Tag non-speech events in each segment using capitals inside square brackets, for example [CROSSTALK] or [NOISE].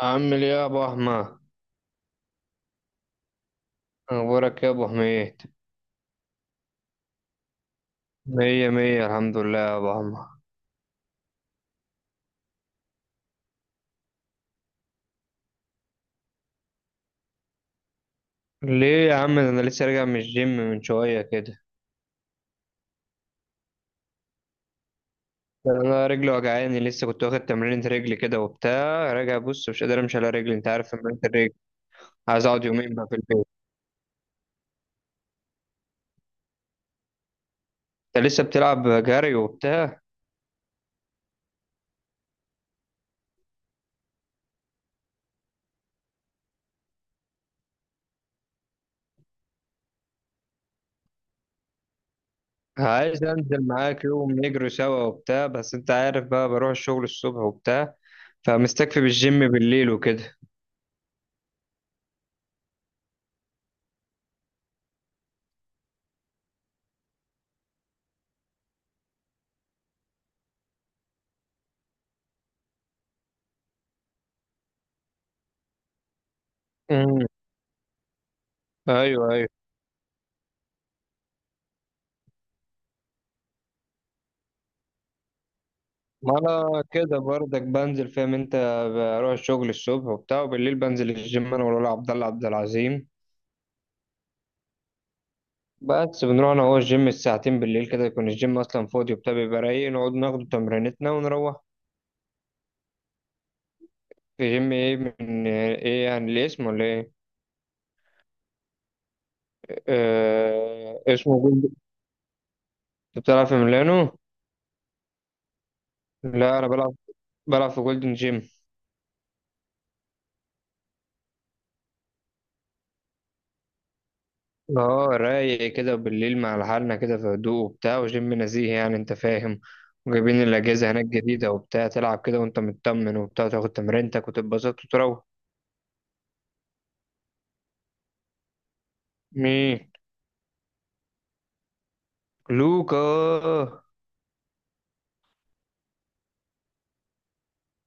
عامل ايه يا ابو احمد؟ اخبارك يا ابو حميد؟ مية مية الحمد لله يا ابو احمد. ليه يا عم؟ ده انا لسه راجع من الجيم من شويه كده. ده انا رجلي وجعاني لسه، كنت واخد تمرينة رجلي كده وبتاع، راجع بص مش قادر امشي على رجلي، انت عارف تمرينة الرجل. عايز اقعد يومين بقى في البيت. انت لسه بتلعب جري وبتاع؟ عايز انزل معاك يوم نجري سوا وبتاع، بس انت عارف بقى بروح الشغل الصبح وبتاع، فمستكفي بالجيم بالليل وكده. امم. ايوه ايوه، ما انا كده برضك بنزل، فاهم انت؟ بروح الشغل الصبح وبتاع وبالليل بنزل الجيم انا والولا عبد الله عبد العظيم. بس بنروح انا هو الجيم الساعتين بالليل كده، يكون الجيم اصلا فاضي وبتاع، بيبقى رايق، نقعد ناخد تمرينتنا ونروح. في جيم ايه من ايه يعني؟ ليه اسمه ولا ايه؟ آه اسمه جولد. انت بتلعب في ميلانو؟ لا، انا بلعب بلعب في جولدن جيم. اه رايق كده بالليل مع لحالنا كده في هدوء وبتاع، وجيم نزيه يعني، انت فاهم؟ وجايبين الاجهزه هناك جديده وبتاع، تلعب كده وانت مطمن وبتاع، تاخد تمرينتك وتتبسط وتروح. مين لوكا؟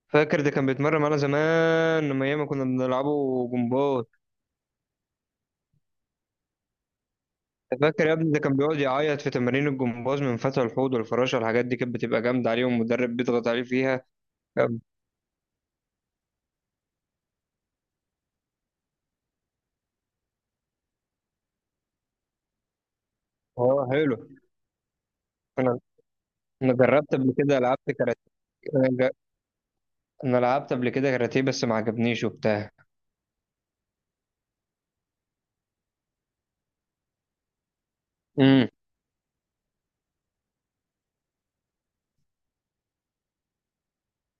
فاكر ده كان بيتمرن معانا زمان لما ايام ما كنا بنلعبه جمباز. أنت فاكر يا ابني؟ ده كان بيقعد يعيط في تمارين الجمباز من فتح الحوض والفراشه، الحاجات دي كانت بتبقى جامده عليه والمدرب بيضغط عليه فيها. اه حلو. انا انا جربت قبل كده، لعبت كاراتيه. انا لعبت قبل كده كاراتيه بس ما عجبنيش وبتاع. امم.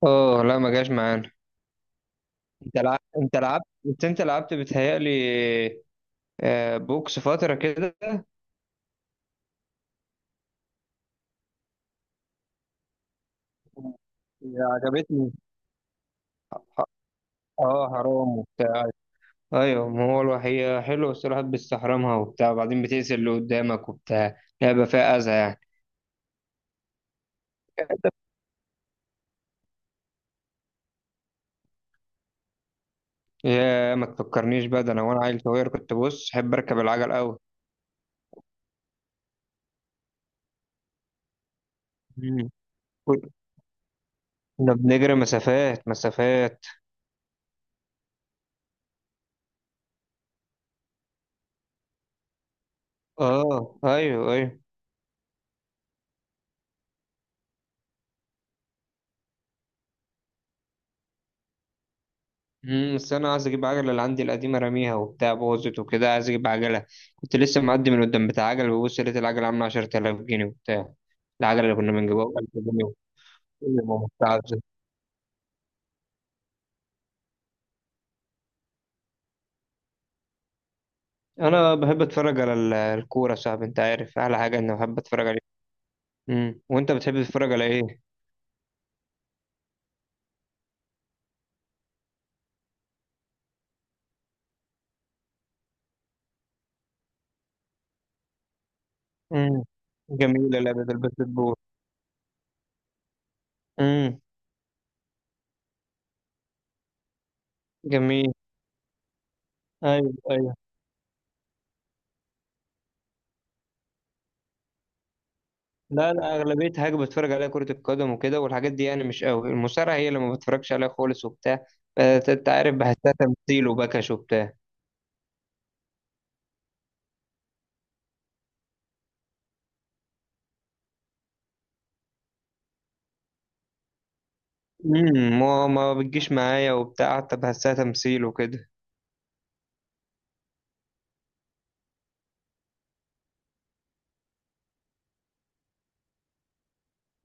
اه لا ما جاش معانا. انت لعبت، انت لعبت، بس انت لعبت بتهيألي بوكس فترة كده، عجبتني. اه حرام وبتاع. ايوه، ما هو الوحية حلوة بس الواحد بيستحرمها وبتاع، وبعدين بتقتل اللي قدامك وبتاع، لعبة فيها أذى يعني. يا ما تفكرنيش بقى، ده انا وانا عيل صغير كنت بص احب اركب العجل قوي. مم. كنا بنجري مسافات مسافات. اه ايوه ايوه. امم، بس انا عايز اجيب عجله، اللي عندي القديمه راميها وبتاع، بوظت وكده، عايز اجيب عجله. كنت لسه معدي من قدام بتاع عجل، ببص لقيت العجله عامله 10000 جنيه وبتاع. العجله اللي كنا بنجيبها ب 1000 جنيه. إيه يا ماما بتاع- انا بحب اتفرج على الكوره يا صاحبي، انت عارف احلى حاجه اني بحب اتفرج عليه. امم، وانت بتحب تتفرج على ايه؟ امم، جميله لعبه الباسكتبول. امم. جميل. ايوه ايوه. لا لا، أغلبية حاجة بتفرج عليها كرة القدم وكده والحاجات دي، يعني مش قوي، المصارعة هي اللي ما بتفرجش عليها خالص وبتاع. أنت عارف بحسها تمثيل وبكش وبتاع. امم، ما بتجيش معايا وبتاع، حتى بحسها تمثيل وكده.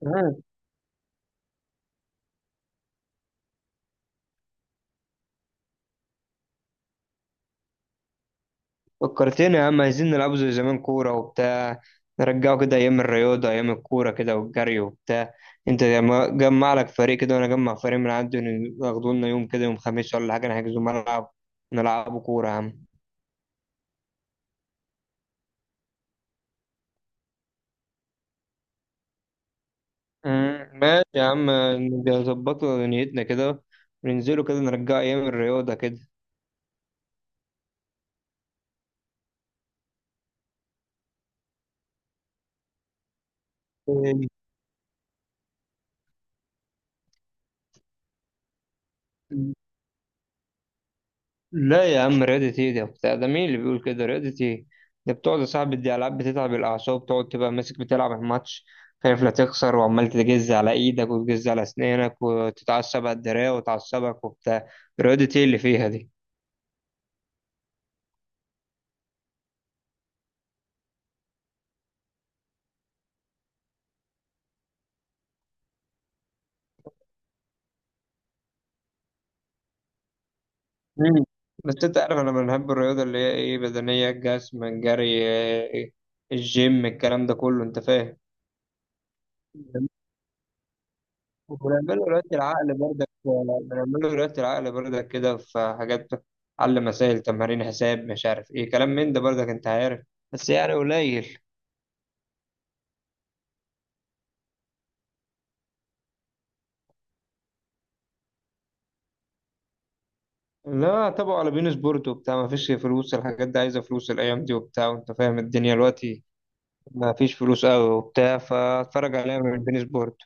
آه، فكرتني يا عم، عايزين نلعبوا زي زمان كورة وبتاع، نرجعوا كده أيام الرياضة، أيام الكورة كده والجري وبتاع. أنت جمع لك فريق كده، وأنا أجمع فريق من عندي، ياخدوا لنا يوم كده، يوم خميس ولا حاجة، نحجزوا ملعب، نلعبوا كورة يا عم. مم، ماشي يا عم. نبقى نظبطوا دنيتنا كده، وننزلوا كده نرجع أيام الرياضة كده. إيه؟ لا يا عم، رياضة ايه؟ ده بتاع، ده مين اللي بيقول كده رياضة ايه؟ ده بتقعد يا صاحبي، دي ألعاب بتتعب الأعصاب، تقعد تبقى ماسك بتلعب الماتش، خايف لا تخسر، وعمال تجز على إيدك وتجز على أسنانك، وتتعصب على الدراع وتعصبك وبتاع. رياضة ايه اللي فيها دي؟ مم. بس انت عارف انا بنحب الرياضه اللي هي ايه، بدنيه، الجسم، الجري، إيه، الجيم، الكلام ده كله، انت فاهم. وبنعمله رياضة العقل برضك، بنعمله رياضة العقل برضك كده، في حاجات على مسائل تمارين حساب مش عارف ايه، كلام من ده برضك، انت عارف. بس يعني قليل. لا طبعا على بين سبورت وبتاع، ما فيش فلوس، الحاجات دي عايزة فلوس الأيام دي وبتاع، وانت فاهم الدنيا دلوقتي. ما فيش فلوس قوي وبتاع، فاتفرج عليها من بين سبورت.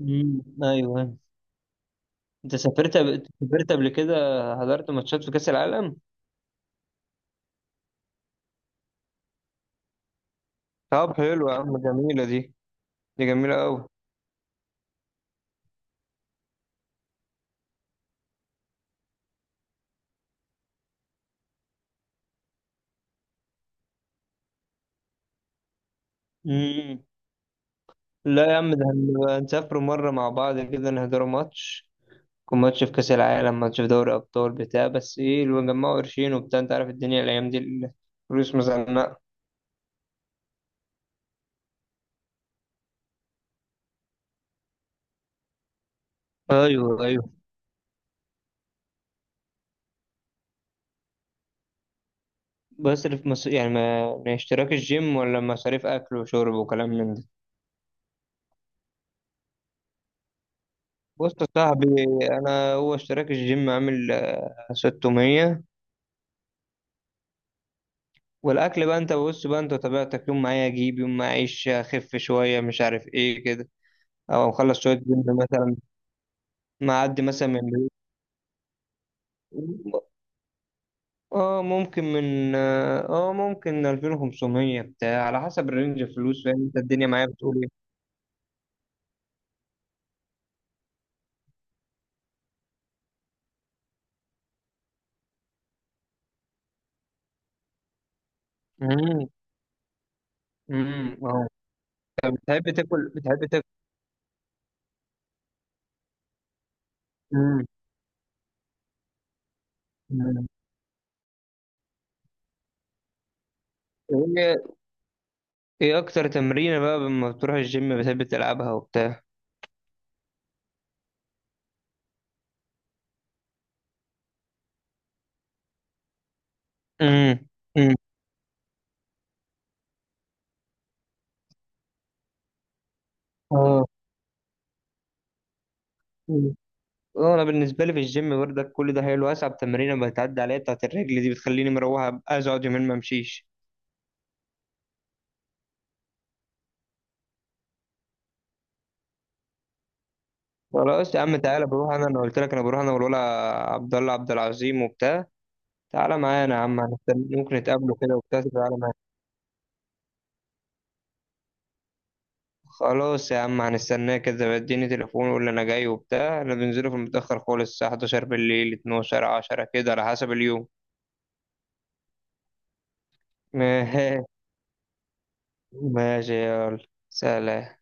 ايوه. انت سافرت قبل كده حضرت ماتشات في كأس العالم؟ طب حلو يا عم، جميلة دي. دي جميلة قوي. لا يا عم، ده هنبقى نسافروا مرة مع بعض كده، نهدروا ماتش، يكون ماتش في كأس العالم، ماتش في دوري أبطال بتاع، بس إيه اللي جمعوا قرشين وبتاع، أنت عارف الدنيا الأيام دي، الفلوس مزنقة. أيوه أيوه. بصرف مص... يعني ما... ما اشتراك الجيم ولا مصاريف أكل وشرب وكلام من ده؟ بص يا صاحبي، أنا هو اشتراك الجيم عامل 600. والأكل بقى أنت بص بقى، أنت طبيعتك يوم معايا أجيب، يوم معايا أعيش أخف شوية مش عارف إيه كده، أو أخلص شوية جيم مثلا. معدي مثلا من اه ممكن من اه آه، ممكن 2500 بتاع، على حسب الرينج الفلوس، فاهم انت الدنيا معايا بتقول ايه. امم. اه. طب بتحب تاكل، بتحب تاكل؟ امم. أمم. ايه ايه اكتر تمرينة بقى لما بتروح الجيم بتحب تلعبها وبتاع؟ امم. امم اه. أمم. اه، انا بالنسبه لي في الجيم برضك، كل ده حلو، اصعب تمرينه بتعدي عليا بتاعت الرجل دي، بتخليني مروحه أبقى عايز اقعد يومين ما امشيش. خلاص يا عم تعالى، بروح انا قلت لك انا بروح انا والولا عبد الله عبد العظيم وبتاع. تعالى معانا يا عم، هنستنى ممكن نتقابله كده وبتاع، تعالى معانا. خلاص يا عم، هنستناه كده، اديني تليفون وقول لي انا جاي وبتاع، انا بنزله في المتأخر خالص الساعة 11 بالليل، 12، 10 كده على حسب اليوم. [LAUGHS] ماشي يلا. سلام.